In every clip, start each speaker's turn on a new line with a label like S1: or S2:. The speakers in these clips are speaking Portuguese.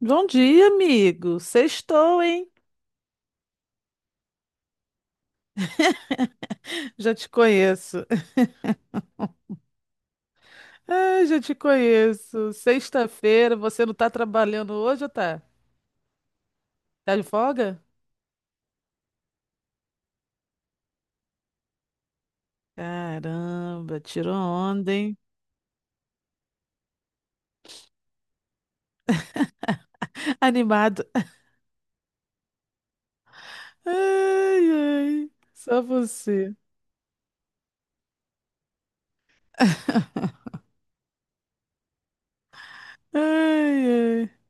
S1: Bom dia, amigo. Sextou, hein? Já te conheço. Ai, já te conheço. Sexta-feira, você não tá trabalhando hoje ou tá? Tá de folga? Caramba, tirou onda, hein? Animado. Ai, ai, só você. Ai, ai.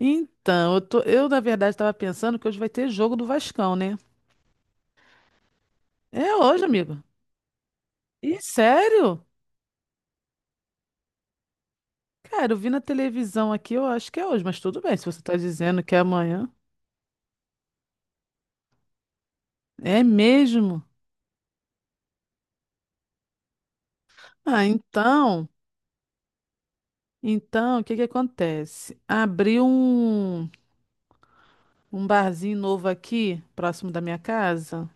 S1: Então, eu na verdade estava pensando que hoje vai ter jogo do Vascão, né? É hoje, amigo. Ih, sério? Cara, eu vi na televisão aqui, eu acho que é hoje, mas tudo bem, se você tá dizendo que é amanhã. É mesmo? Ah, então, então, o que que acontece? Um barzinho novo aqui, próximo da minha casa.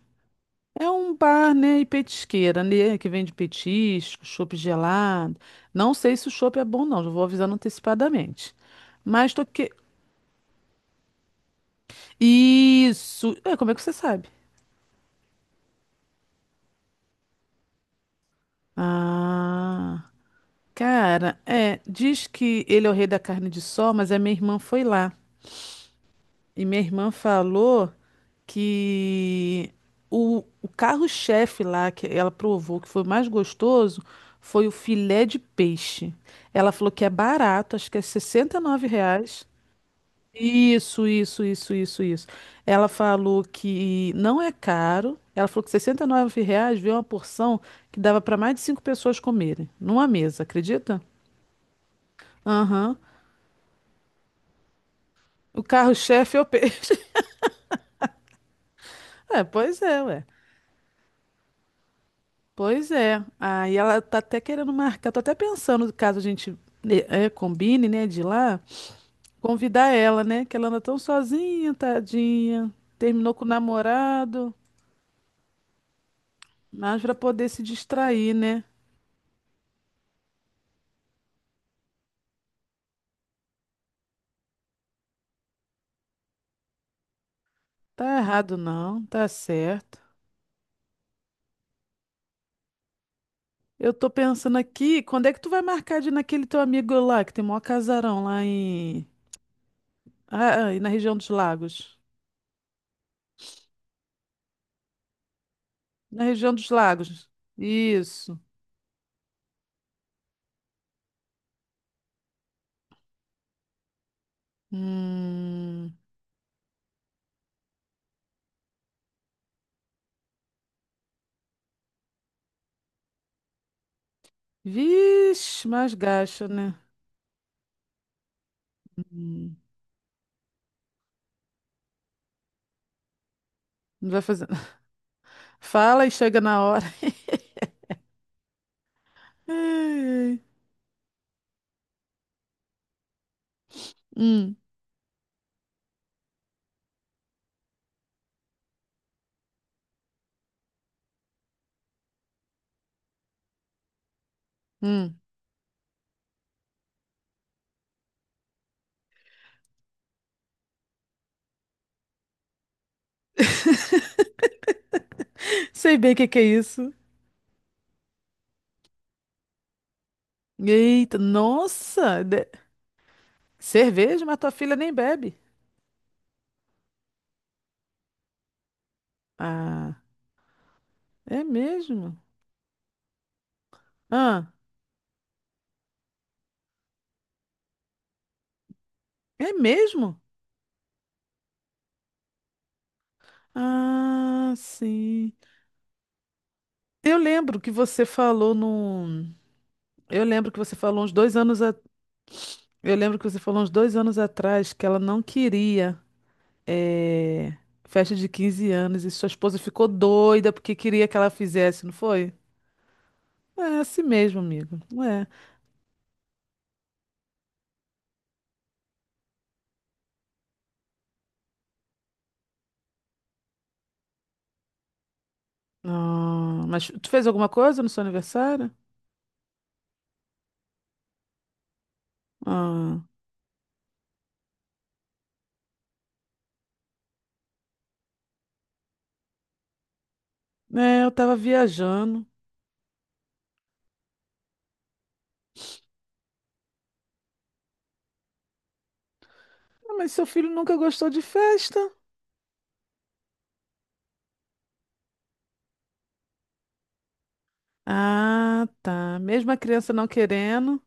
S1: É um bar, né, e petisqueira, né, que vende petisco, chopp gelado. Não sei se o chopp é bom, não, já vou avisando antecipadamente. Mas tô que... Isso! É, como é que você sabe? Ah, cara, é, diz que ele é o rei da carne de sol, mas a minha irmã foi lá. E minha irmã falou que o carro-chefe lá que ela provou que foi mais gostoso foi o filé de peixe. Ela falou que é barato, acho que é R$ 69 reais. Isso, isso, isso, isso, isso. Ela falou que não é caro. Ela falou que R$ 69 reais veio uma porção que dava para mais de cinco pessoas comerem, numa mesa, acredita? Aham. O carro-chefe é o peixe. É, pois é, ué. Pois é. Aí ela tá até querendo marcar, tô até pensando, caso a gente né, é, combine, né, de ir lá, convidar ela, né, que ela anda tão sozinha, tadinha. Terminou com o namorado, mas pra poder se distrair, né? Tá errado não, tá certo. Eu tô pensando aqui, quando é que tu vai marcar de ir naquele teu amigo lá, que tem o maior casarão lá em... Ah, ah, e na região dos lagos. Na região dos lagos. Isso. Hum. Vixe, mais gasto, né? Hum, não vai fazer. Fala e chega na hora. Ai, ai. Hum, hum. Sei bem o que que é isso. Eita, nossa! De- Cerveja, mas tua filha nem bebe. Ah, é mesmo? Ah, é mesmo? Ah, sim. Eu lembro que você falou num. Eu lembro que você falou uns 2 anos a... Eu lembro que você falou uns 2 anos atrás que ela não queria. É, festa de 15 anos e sua esposa ficou doida porque queria que ela fizesse, não foi? É assim mesmo, amigo. Não é. Ah, mas tu fez alguma coisa no seu aniversário? Ah, é, eu tava viajando. Ah, mas seu filho nunca gostou de festa. Ah, tá. Mesmo a criança não querendo.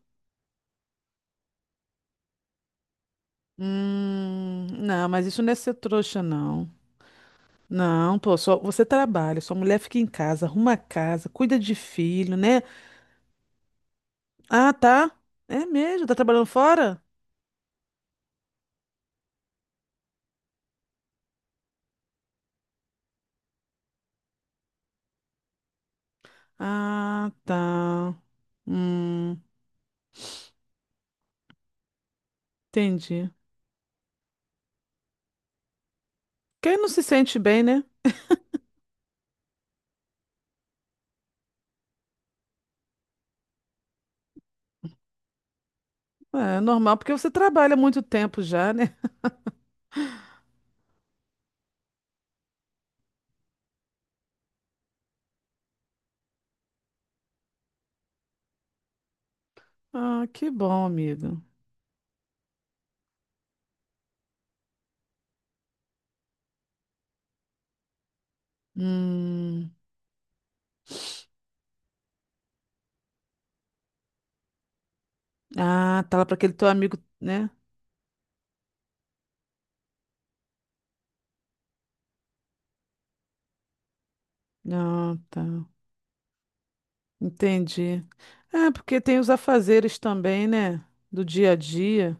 S1: Não, mas isso não é ser trouxa, não. Não, pô, só você trabalha, sua mulher fica em casa, arruma a casa, cuida de filho, né? Ah, tá. É mesmo? Tá trabalhando fora? Ah, tá. Hum, entendi. Quem não se sente bem, né? É é normal, porque você trabalha muito tempo já, né? Ah, que bom, amigo. Hum. Ah, tá lá para aquele teu amigo, né? Ah, tá. Entendi. É, porque tem os afazeres também, né? Do dia a dia.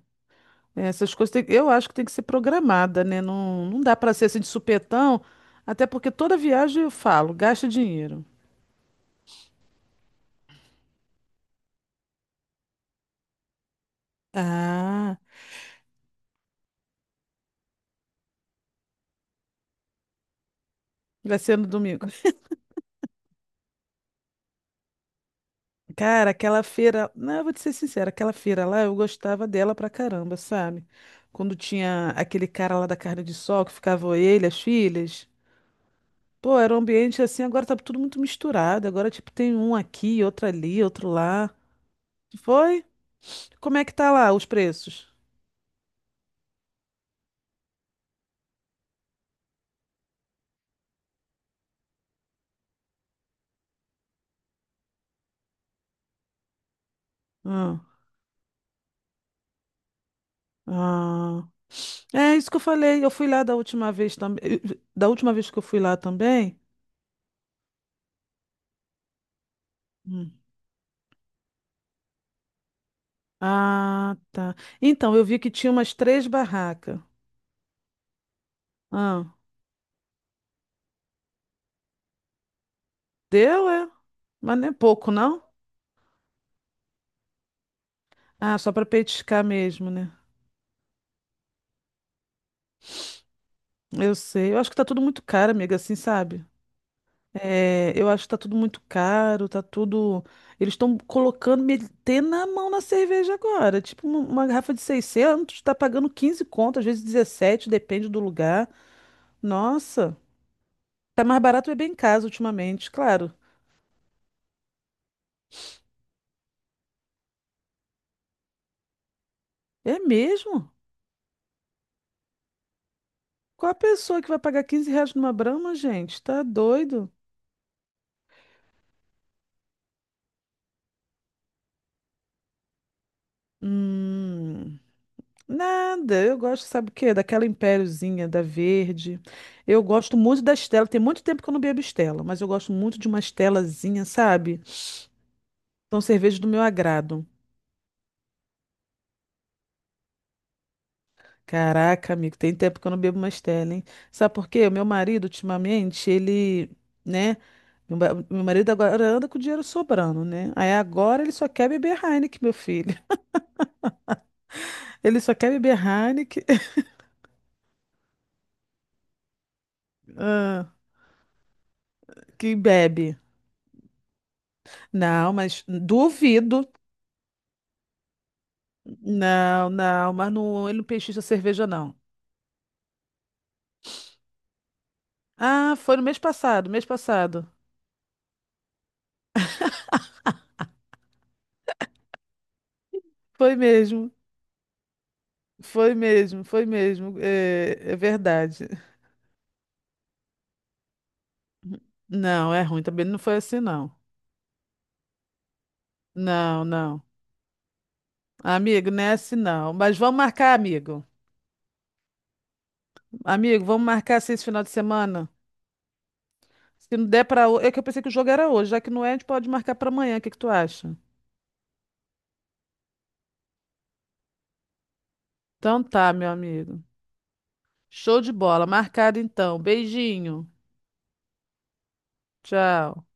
S1: Essas coisas tem- eu acho que tem que ser programada, né? Não, não dá para ser assim de supetão, até porque toda viagem eu falo, gasta dinheiro. Ah, vai ser no domingo. Cara, aquela feira, não, eu vou te ser sincera, aquela feira lá eu gostava dela pra caramba, sabe? Quando tinha aquele cara lá da carne de sol que ficava ele, as filhas. Pô, era um ambiente assim, agora tá tudo muito misturado. Agora, tipo, tem um aqui, outro ali, outro lá. Foi? Como é que tá lá os preços? Ah. Ah, é isso que eu falei. Eu fui lá da última vez também. Da última vez que eu fui lá também. Hum. Ah, tá. Então, eu vi que tinha umas três barracas. Ah, deu, é? Mas não é pouco, não? Ah, só para petiscar mesmo, né? Eu sei. Eu acho que tá tudo muito caro, amiga, assim, sabe? É, eu acho que tá tudo muito caro, tá tudo. Eles estão colocando, metendo na mão na cerveja agora. Tipo, uma garrafa de 600 tá pagando 15 conto, às vezes 17, depende do lugar. Nossa, tá mais barato beber em casa ultimamente, claro. É mesmo? Qual a pessoa que vai pagar R$ 15 numa Brahma, gente? Tá doido? Hum, nada. Eu gosto, sabe o quê? Daquela Impériozinha, da verde. Eu gosto muito da Stella. Tem muito tempo que eu não bebo Stella, mas eu gosto muito de uma Stellazinha, sabe? São cervejas do meu agrado. Caraca, amigo, tem tempo que eu não bebo mais stella, hein? Sabe por quê? O meu marido, ultimamente, ele, né? Meu, ba- meu marido agora anda com o dinheiro sobrando, né? Aí agora ele só quer beber Heineken, meu filho. Ele só quer beber Heineken, ah, que bebe. Não, mas duvido. Não, não, mas não, ele não pechincha cerveja, não. Ah, foi no mês passado, mês passado. Foi mesmo, foi mesmo, foi mesmo. É, é verdade. Não, é ruim, também não foi assim, não. Não, não. Amigo, não é assim não. Mas vamos marcar, amigo. Amigo, vamos marcar assim esse final de semana. Se não der pra hoje. É que eu pensei que o jogo era hoje, já que não é, a gente pode marcar pra amanhã. O que que tu acha? Então tá, meu amigo. Show de bola. Marcado então. Beijinho. Tchau.